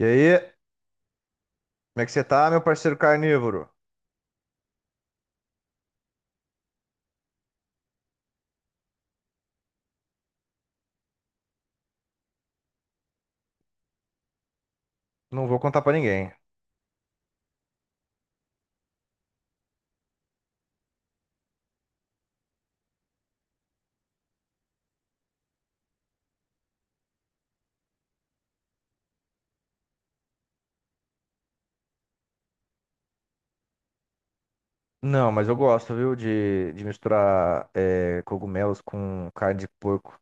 E aí, como é que você tá, meu parceiro carnívoro? Não vou contar pra ninguém. Não, mas eu gosto, viu, de misturar cogumelos com carne de porco.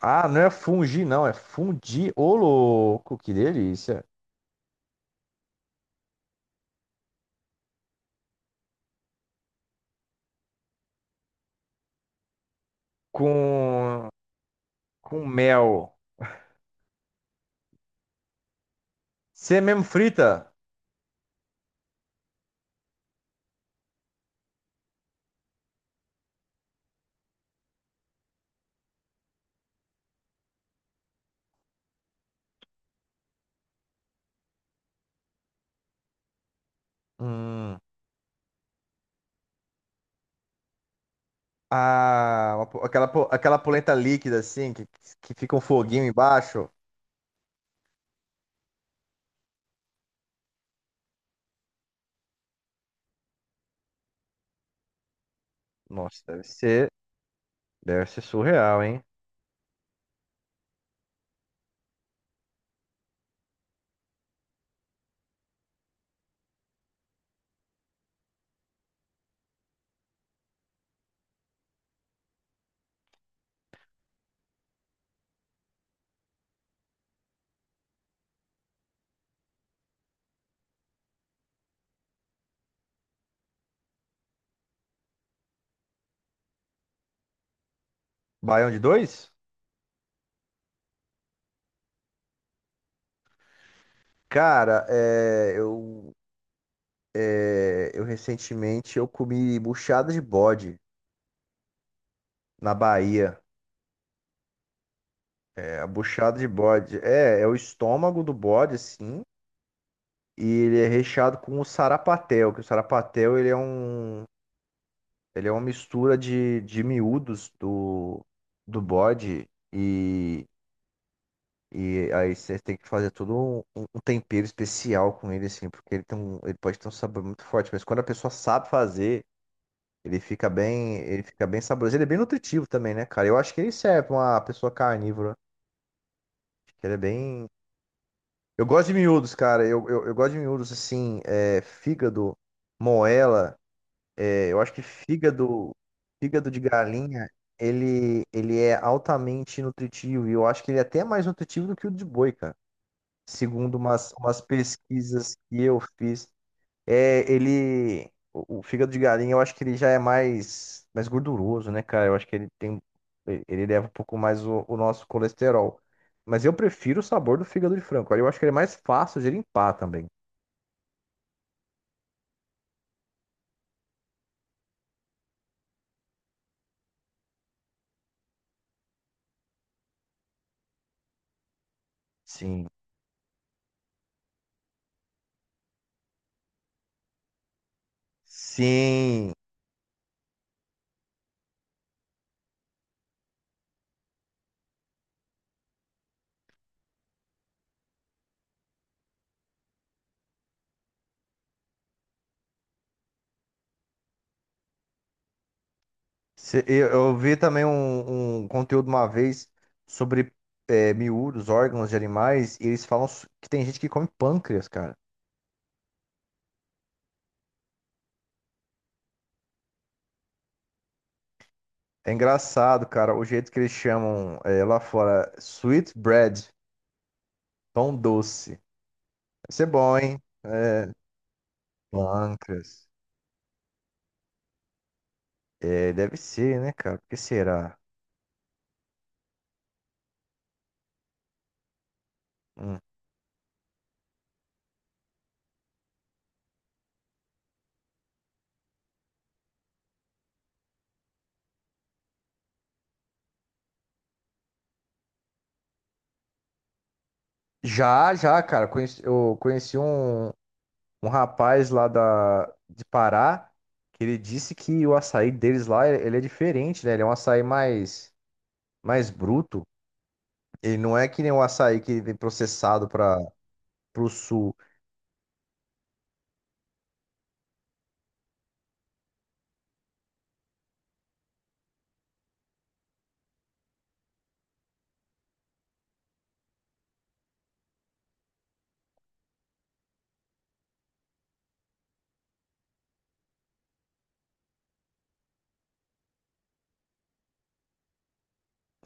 Ah, não é fungi, não, é fundi. Ô, louco, que delícia. Com, com mel. Você é mesmo frita? Hum. Ah, uma po- aquela polenta líquida, assim, que fica um foguinho embaixo. Nossa, deve ser surreal, hein? Baião de dois? Cara, eu recentemente eu comi buchada de bode na Bahia. É, a buchada de bode é o estômago do bode, assim, e ele é recheado com o sarapatel, que o sarapatel ele ele é uma mistura de miúdos do bode e aí você tem que fazer todo um um tempero especial com ele, assim, porque ele pode ter um sabor muito forte, mas quando a pessoa sabe fazer. Ele fica bem saboroso. Ele é bem nutritivo também, né, cara? Eu acho que ele serve pra uma pessoa carnívora. Acho que ele é bem. Eu gosto de miúdos, cara. Eu gosto de miúdos assim, fígado, moela. É, eu acho que fígado de galinha, ele é altamente nutritivo. E eu acho que ele é até mais nutritivo do que o de boi, cara. Segundo umas pesquisas que eu fiz. É, ele. O fígado de galinha, eu acho que ele já é mais gorduroso, né, cara? Eu acho que ele tem. Ele leva um pouco mais o nosso colesterol. Mas eu prefiro o sabor do fígado de frango, cara. Eu acho que ele é mais fácil de limpar também. Sim. Sim. Eu vi também um conteúdo uma vez sobre miúdos, órgãos de animais, e eles falam que tem gente que come pâncreas, cara. É engraçado, cara, o jeito que eles chamam é, lá fora, sweet bread. Pão doce. Deve ser bom, hein? É, pâncreas. É, deve ser, né, cara? Por que será? Hum. Já, já, cara. Eu conheci um rapaz lá de Pará, que ele disse que o açaí deles lá, ele é diferente, né? Ele é um açaí mais bruto. Ele não é que nem o açaí que vem processado para pro sul.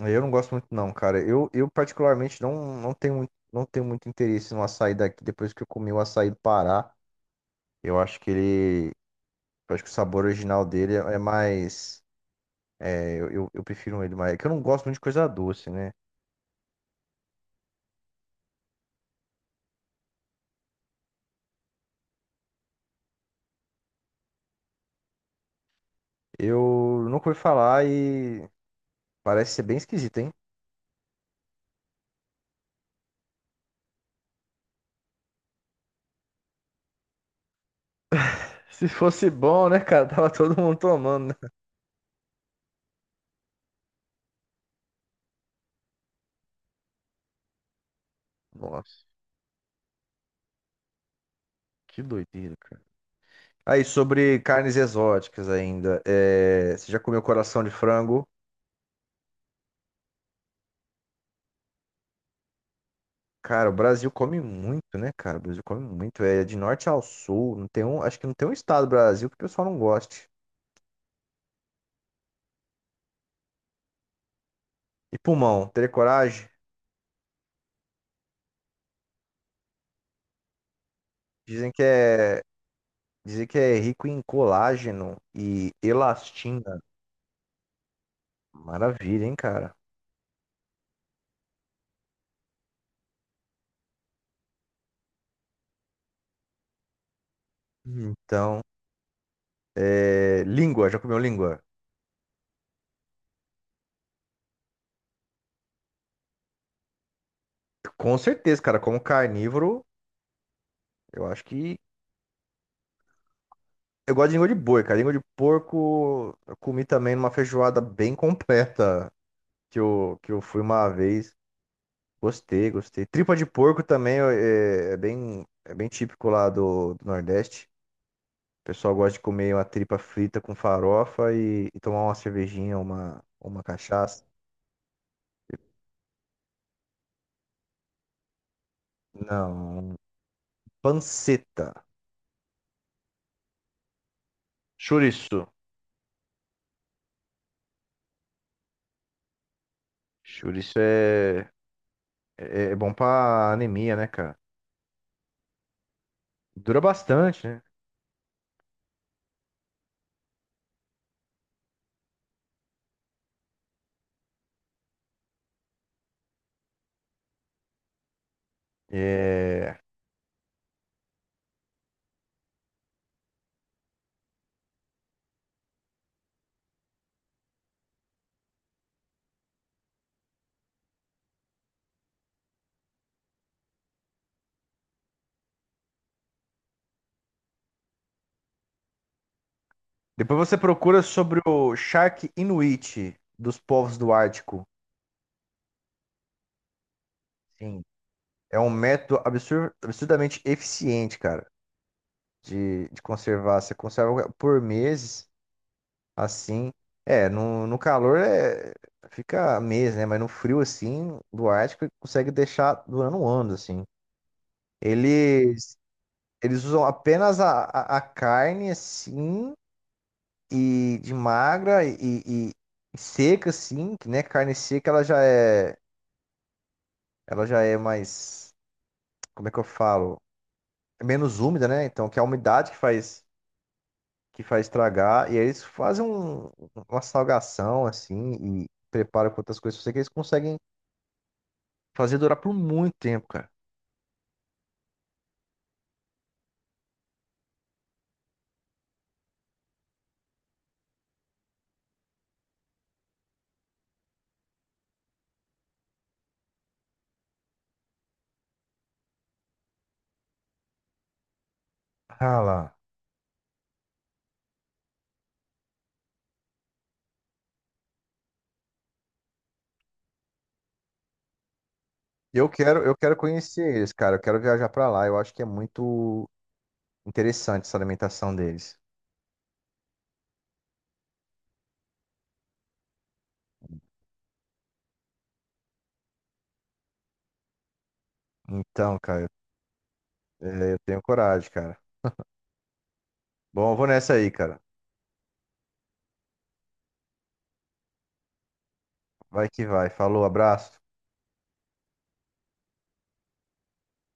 Eu não gosto muito, não, cara. Eu particularmente, não tenho muito interesse no açaí daqui depois que eu comi o açaí do Pará. Eu acho que ele. Eu acho que o sabor original dele é mais. Eu prefiro ele mais. É que eu não gosto muito de coisa doce, né? Eu nunca ouvi falar e parece ser bem esquisito, hein? Se fosse bom, né, cara? Tava todo mundo tomando, né? Nossa, que doideira, cara. Aí, sobre carnes exóticas ainda, você já comeu coração de frango? Cara, o Brasil come muito, né, cara? O Brasil come muito. É de norte ao sul. Não tem um... Acho que não tem um estado do Brasil que o pessoal não goste. E pulmão, teria coragem? Dizem que é, dizem que é rico em colágeno e elastina. Maravilha, hein, cara? Então, língua, já comeu língua? Com certeza, cara. Como carnívoro, eu acho que. Eu gosto de língua de boi, cara. Língua de porco, eu comi também numa feijoada bem completa que eu, fui uma vez. Gostei, gostei. Tripa de porco também é bem típico lá do Nordeste. O pessoal gosta de comer uma tripa frita com farofa e tomar uma cervejinha, uma cachaça. Não, um panceta. Chouriço. Chouriço é bom pra anemia, né, cara? Dura bastante, né? É. Depois você procura sobre o Shark Inuit dos povos do Ártico. Sim. É um método absurdamente eficiente, cara, de conservar. Você conserva por meses. Assim, no calor fica mês, né? Mas no frio, assim, do Ártico, ele consegue deixar durando um ano, assim. Eles, eles usam apenas a carne, assim, e de magra e- e seca, assim, que, né? Carne seca, ela já é mais, como é que eu falo? É menos úmida, né? Então, que é a umidade que faz, estragar. E aí eles fazem uma salgação, assim, e preparam com outras coisas. Eu sei que eles conseguem fazer durar por muito tempo, cara. Ah lá. Eu quero conhecer eles, cara. Eu quero viajar pra lá. Eu acho que é muito interessante essa alimentação deles. Então, cara, eu tenho coragem, cara. Bom, eu vou nessa aí, cara. Vai que vai. Falou, abraço.